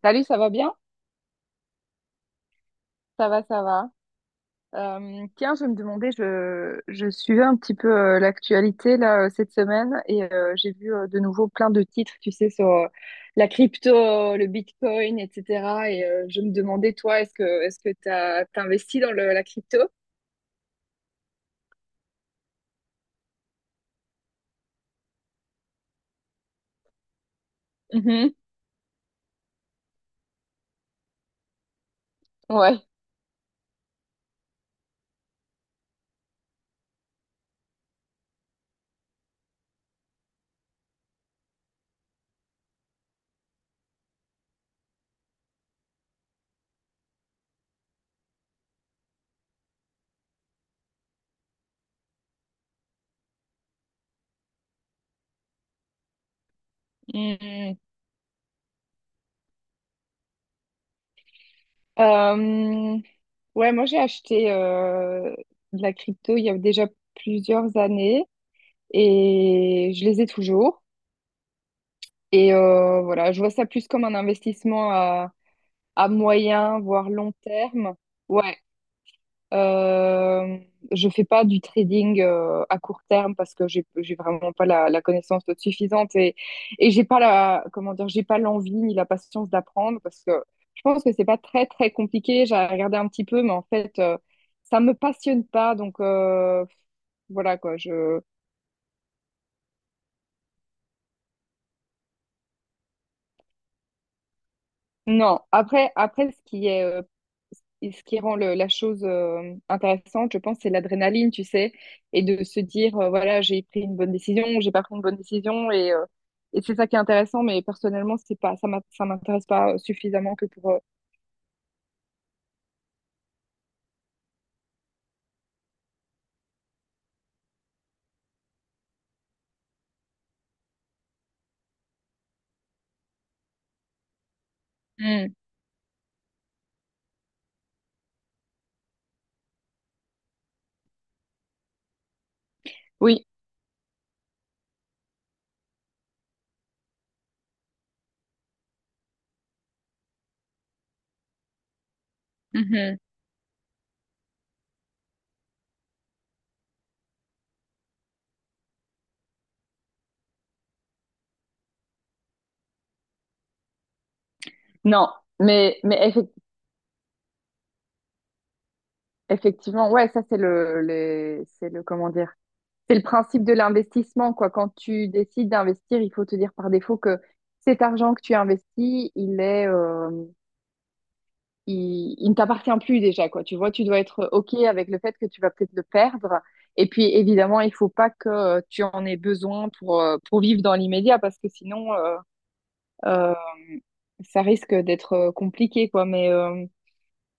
Salut, ça va bien? Ça va, ça va. Tiens, je me demandais, je suivais un petit peu l'actualité là cette semaine et j'ai vu de nouveau plein de titres, tu sais, sur la crypto, le Bitcoin, etc. Et je me demandais, toi, est-ce que t'investis dans la crypto? Mhm. Ouais. Mhm. Euh, ouais, moi j'ai acheté de la crypto il y a déjà plusieurs années et je les ai toujours. Et voilà, je vois ça plus comme un investissement à moyen, voire long terme. Ouais, euh, je fais pas du trading à court terme parce que j'ai vraiment pas la connaissance suffisante et j'ai pas la comment dire, j'ai pas l'envie ni la patience d'apprendre parce que je pense que c'est pas très très compliqué. J'ai regardé un petit peu, mais en fait, ça me passionne pas, donc voilà quoi. Je non, après, après ce qui est, et ce qui rend la chose intéressante, je pense, c'est l'adrénaline, tu sais, et de se dire, voilà, j'ai pris une bonne décision, j'ai pas pris une bonne décision, et c'est ça qui est intéressant, mais personnellement, c'est pas, ça m'intéresse pas suffisamment que pour. Hmm, oui, mhm. Non, mais effectivement, ouais, ça, c'est c'est le, comment dire, c'est le principe de l'investissement, quoi. Quand tu décides d'investir, il faut te dire par défaut que cet argent que tu investis, il est, il ne t'appartient plus déjà, quoi. Tu vois, tu dois être OK avec le fait que tu vas peut-être le perdre. Et puis, évidemment, il faut pas que tu en aies besoin pour vivre dans l'immédiat, parce que sinon, euh, ça risque d'être compliqué, quoi.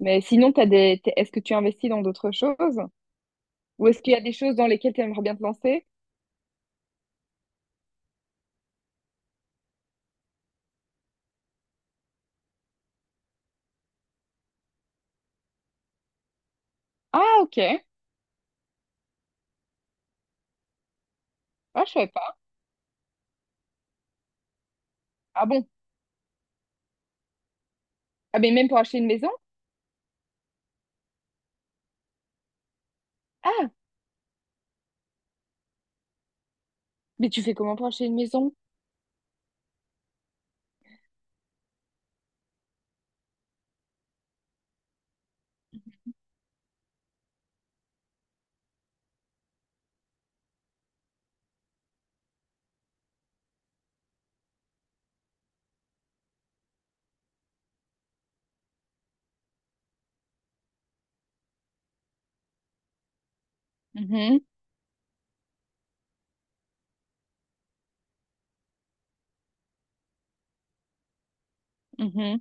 Mais sinon, t'as des... est-ce que tu investis dans d'autres choses? Ou est-ce qu'il y a des choses dans lesquelles tu aimerais bien te lancer? Ah, ok. Ah, je savais pas. Ah bon? Ah, mais même pour acheter une maison? Ah, mais tu fais comment pour acheter une maison? Mhm, mhm,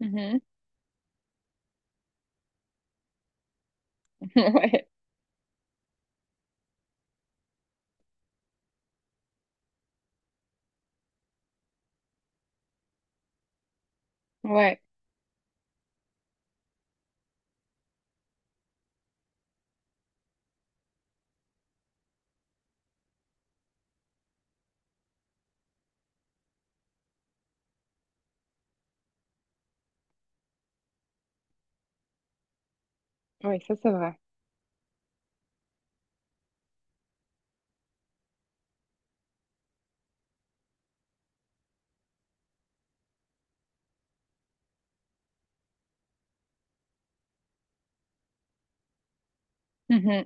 mhm. Ouais, ouais, ouais, ça c'est vrai. Mhm,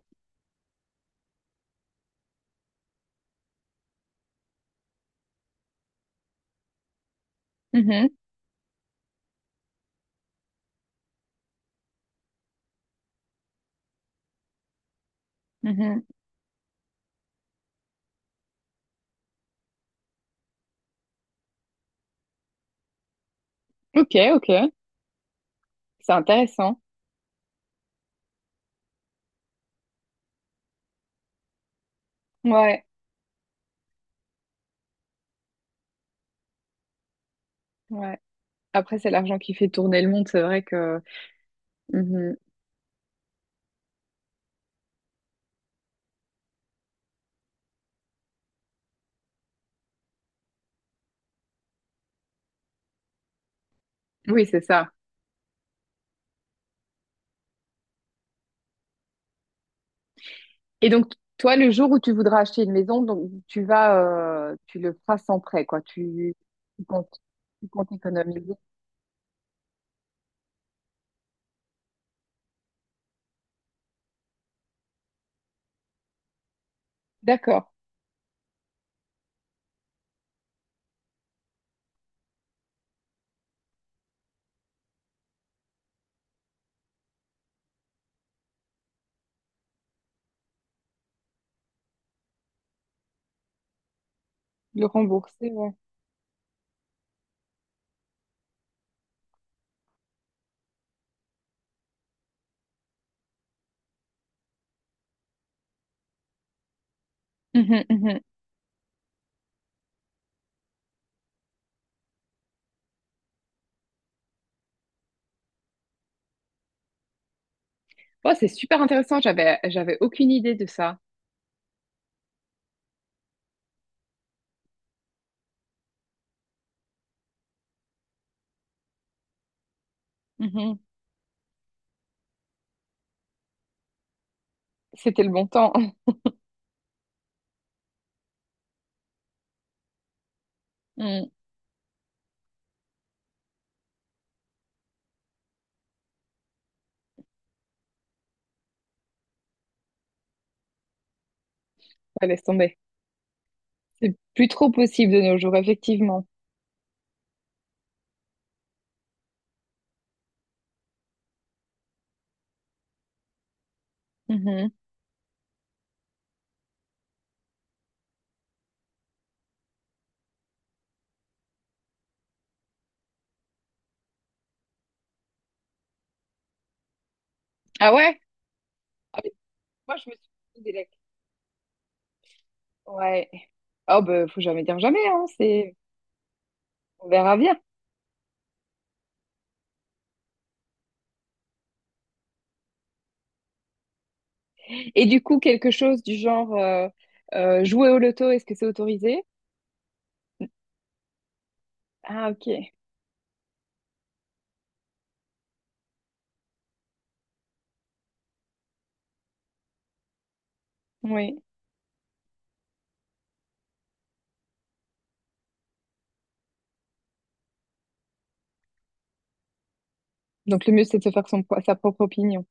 mhm, mhm. Ok, ok, c'est intéressant. Ouais, ouais. Après, c'est l'argent qui fait tourner le monde, c'est vrai que. Mhm. Oui, c'est ça. Et donc, toi, le jour où tu voudras acheter une maison, donc tu vas, tu le feras sans prêt, quoi. Tu, tu comptes, tu comptes économiser. D'accord, le rembourser, ouais. Mhm, mhm. Ouais, c'est super intéressant. J'avais aucune idée de ça. Mhm. C'était le bon temps. Mm. Ouais, laisse tomber. C'est plus trop possible de nos jours, effectivement. Mhm. Ah ouais? Ah, mais moi, je me suis dit des lacs. Ouais. Oh, bah, faut jamais dire jamais, hein. C'est, on verra bien. Et du coup, quelque chose du genre, jouer au loto, est-ce que c'est autorisé? Ah, ok. Oui. Donc, le mieux, c'est de se faire sa propre opinion.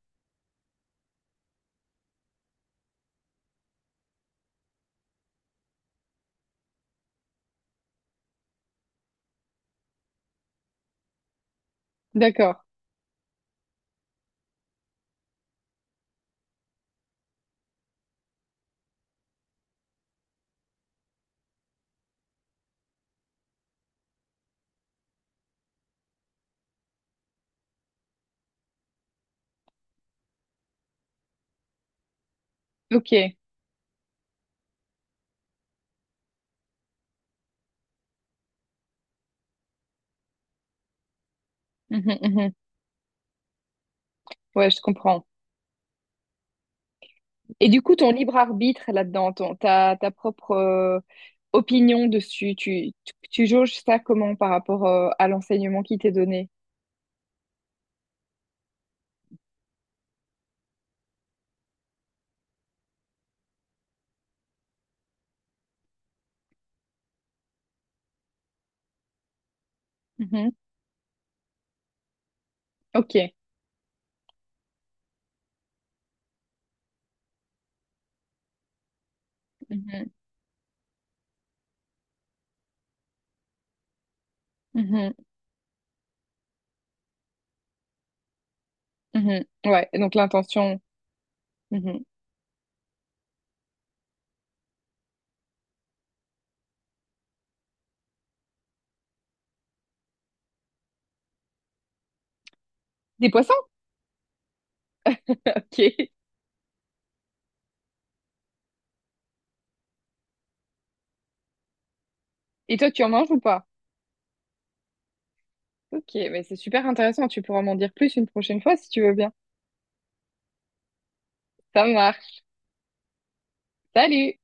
D'accord. Ok. Mhm, mhm. Ouais, je comprends. Et du coup, ton libre arbitre là-dedans, ta propre opinion dessus, tu jauges ça comment par rapport à l'enseignement qui t'est donné? Mhm. Ok. Mhm. Mhm. Mhm. Ouais, donc l'intention. Mhm. Des poissons? Ok. Et toi, tu en manges ou pas? Ok, mais c'est super intéressant. Tu pourras m'en dire plus une prochaine fois si tu veux bien. Ça marche. Salut!